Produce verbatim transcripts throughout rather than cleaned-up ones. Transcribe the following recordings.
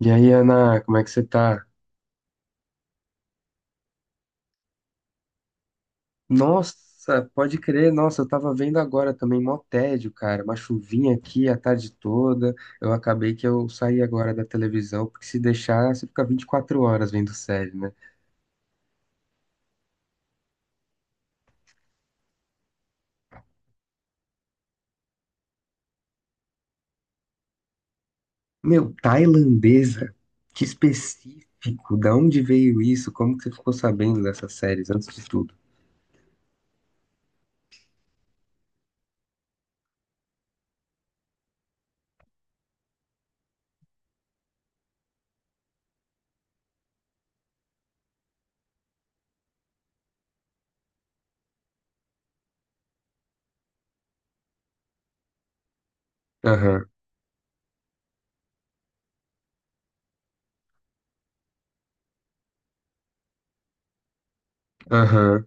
E aí, Ana, como é que você tá? Nossa, pode crer, nossa, eu tava vendo agora também, mó tédio, cara, uma chuvinha aqui a tarde toda, eu acabei que eu saí agora da televisão, porque se deixar, você fica vinte e quatro horas vendo série, né? Meu, tailandesa, que específico, da onde veio isso? Como que você ficou sabendo dessas séries, antes de tudo? Aham, aham.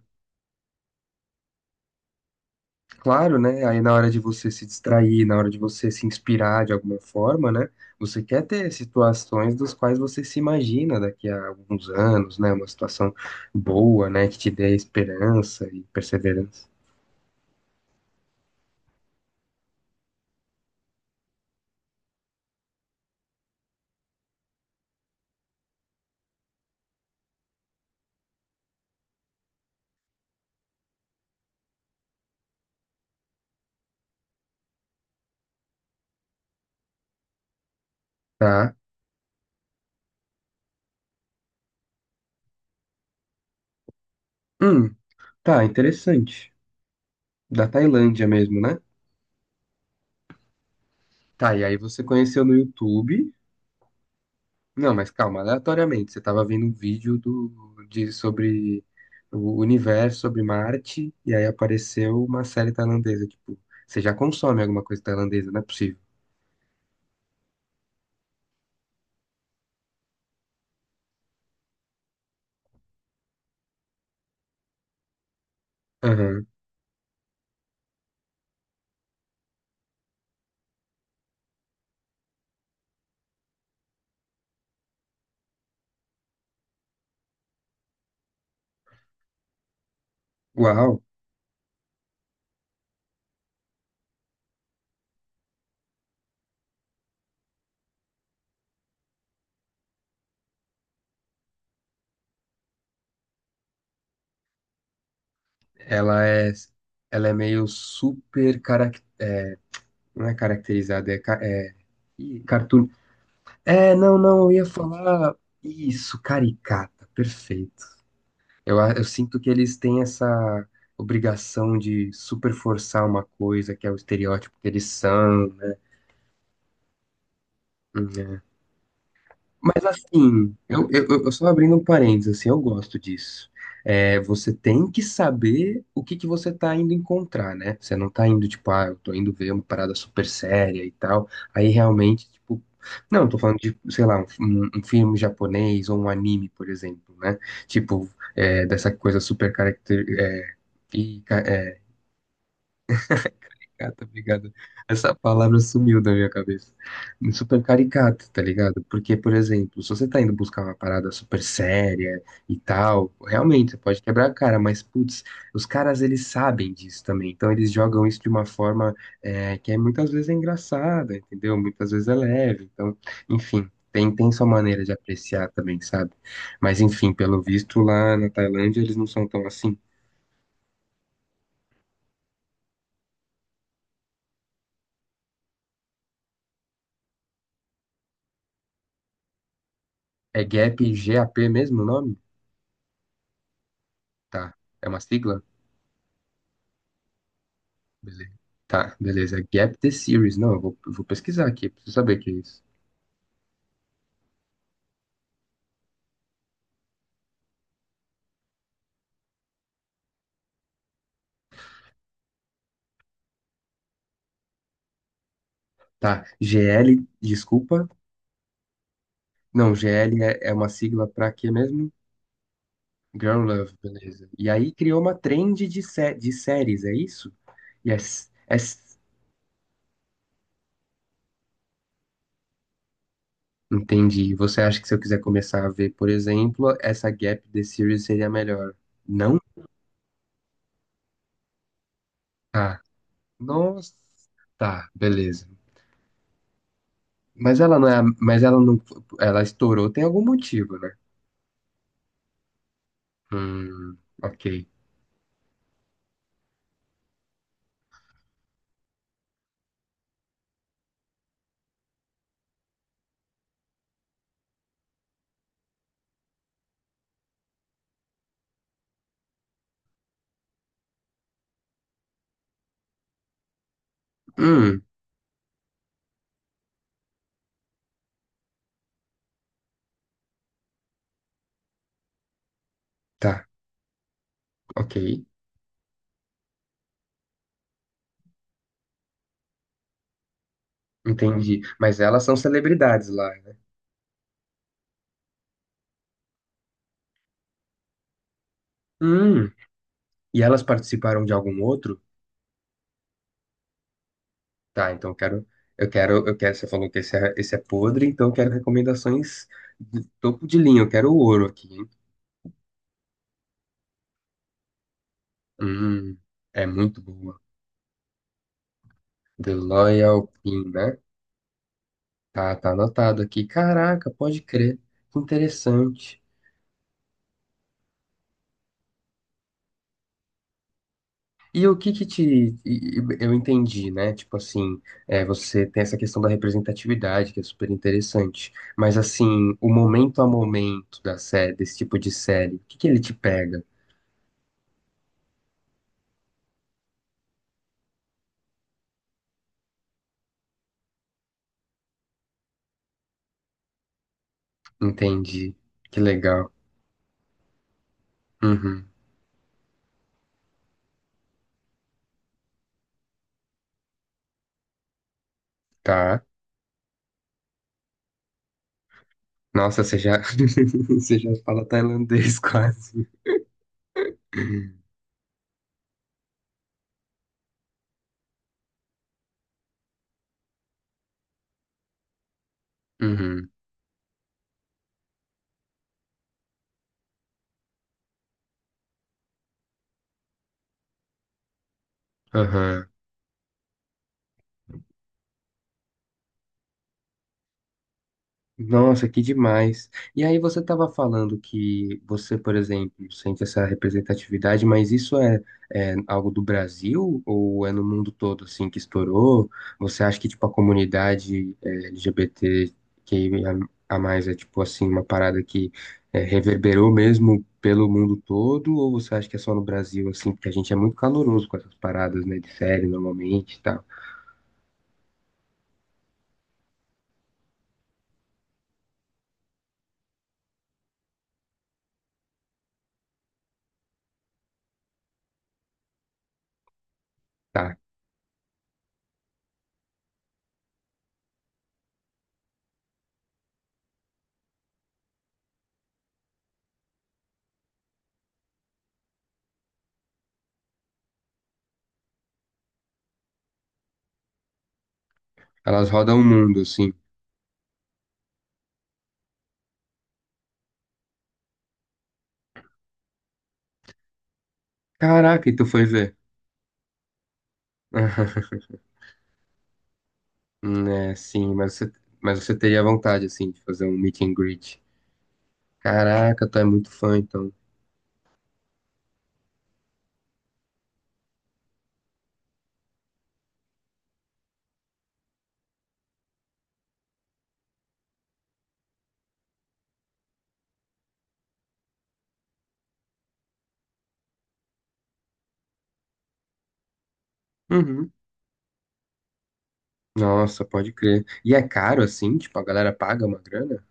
Claro, né? Aí na hora de você se distrair, na hora de você se inspirar de alguma forma, né? Você quer ter situações das quais você se imagina daqui a alguns anos, né? Uma situação boa, né? Que te dê esperança e perseverança. Tá? Hum, tá, interessante. Da Tailândia mesmo, né? Tá, e aí você conheceu no YouTube. Não, mas calma, aleatoriamente, você estava vendo um vídeo do, de, sobre o universo, sobre Marte, e aí apareceu uma série tailandesa. Tipo, você já consome alguma coisa tailandesa, não é possível. Aham. Uau, ela é, ela é meio super carac, não é caracterizada, é, ca- é Ih, cartoon. É, não, não, eu ia falar isso, caricata, perfeito. Eu, a- eu sinto que eles têm essa obrigação de super forçar uma coisa que é o estereótipo que eles são, né? Hum, é. Mas assim, eu, eu, eu eu só abrindo um parênteses, assim, eu gosto disso. É, você tem que saber o que que você tá indo encontrar, né? Você não tá indo, tipo, ah, eu tô indo ver uma parada super séria e tal. Aí realmente, tipo, não, eu tô falando de, sei lá, um, um um filme japonês ou um anime, por exemplo, né? Tipo, é, dessa coisa super caracter, é, e, Caricato, obrigado. Essa palavra sumiu da minha cabeça. Super caricato, tá ligado? Porque, por exemplo, se você tá indo buscar uma parada super séria e tal, realmente você pode quebrar a cara, mas, putz, os caras eles sabem disso também. Então eles jogam isso de uma forma é, que é, muitas vezes é engraçada, entendeu? Muitas vezes é leve. Então, enfim, tem, tem sua maneira de apreciar também, sabe? Mas, enfim, pelo visto lá na Tailândia eles não são tão assim. É G A P, G A P mesmo o nome? Tá. É uma sigla? Beleza. Tá, beleza. Gap the Series. Não, eu vou, eu vou pesquisar aqui, preciso saber o que é isso. Tá, G L, desculpa. Não, G L é, é uma sigla pra quê mesmo? Girl Love, beleza. E aí criou uma trend de, sé de séries, é isso? Yes, yes. Entendi. Você acha que se eu quiser começar a ver, por exemplo, essa Gap the Series seria melhor? Não? Tá. Nossa. Tá, beleza. Mas ela não é, a- mas ela não, ela estourou, tem algum motivo, né? Hum, ok. Hum. Tá, ok, entendi. Mas elas são celebridades lá, né? Hum, e elas participaram de algum outro? Tá, então eu quero, eu quero, eu quero, você falou que esse é, esse é podre, então eu quero recomendações de topo de linha, eu quero ouro aqui, hein? Hum, é muito boa. The Loyal Pin, né? Tá, tá anotado aqui. Caraca, pode crer. Que interessante. E o que que te. E- e- Eu entendi, né? Tipo assim, é, você tem essa questão da representatividade, que é super interessante. Mas assim, o momento a momento da série, desse tipo de série, o que que ele te pega? Entendi. Que legal. Uhum. Tá. Nossa, você já, você já fala tailandês quase. Uhum. Aham. Nossa, que demais. E aí você estava falando que você, por exemplo, sente essa representatividade, mas isso é, é algo do Brasil ou é no mundo todo assim que estourou? Você acha que tipo a comunidade é, L G B T que a mais é tipo assim uma parada que é, reverberou mesmo pelo mundo todo ou você acha que é só no Brasil assim, porque a gente é muito caloroso com essas paradas, né, de série normalmente, e tal. Tá. Elas rodam o mundo assim. Caraca, e tu foi ver? Hum, é, sim, mas você, mas você teria vontade, assim, de fazer um meet and greet. Caraca, tu é muito fã, então. Uhum. Nossa, pode crer. E é caro, assim? Tipo, a galera paga uma grana?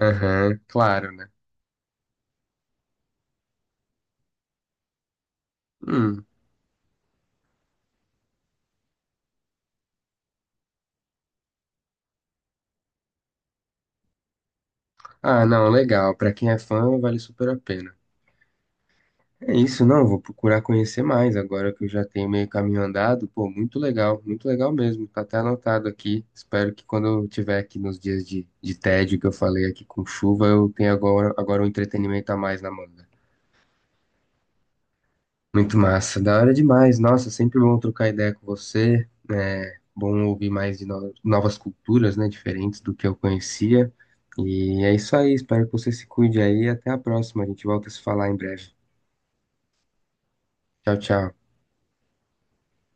Aham, claro, né? Hum. Ah, não, legal. Pra quem é fã, vale super a pena. É isso, não, vou procurar conhecer mais agora que eu já tenho meio caminho andado. Pô, muito legal, muito legal mesmo. Tá até anotado aqui. Espero que quando eu tiver aqui nos dias de, de tédio que eu falei aqui com chuva, eu tenha agora, agora um entretenimento a mais na mão. Muito massa, da hora demais. Nossa, sempre bom trocar ideia com você. É bom ouvir mais de no- novas culturas, né, diferentes do que eu conhecia. E é isso aí, espero que você se cuide aí. Até a próxima, a gente volta a se falar em breve. Tchau, tchau.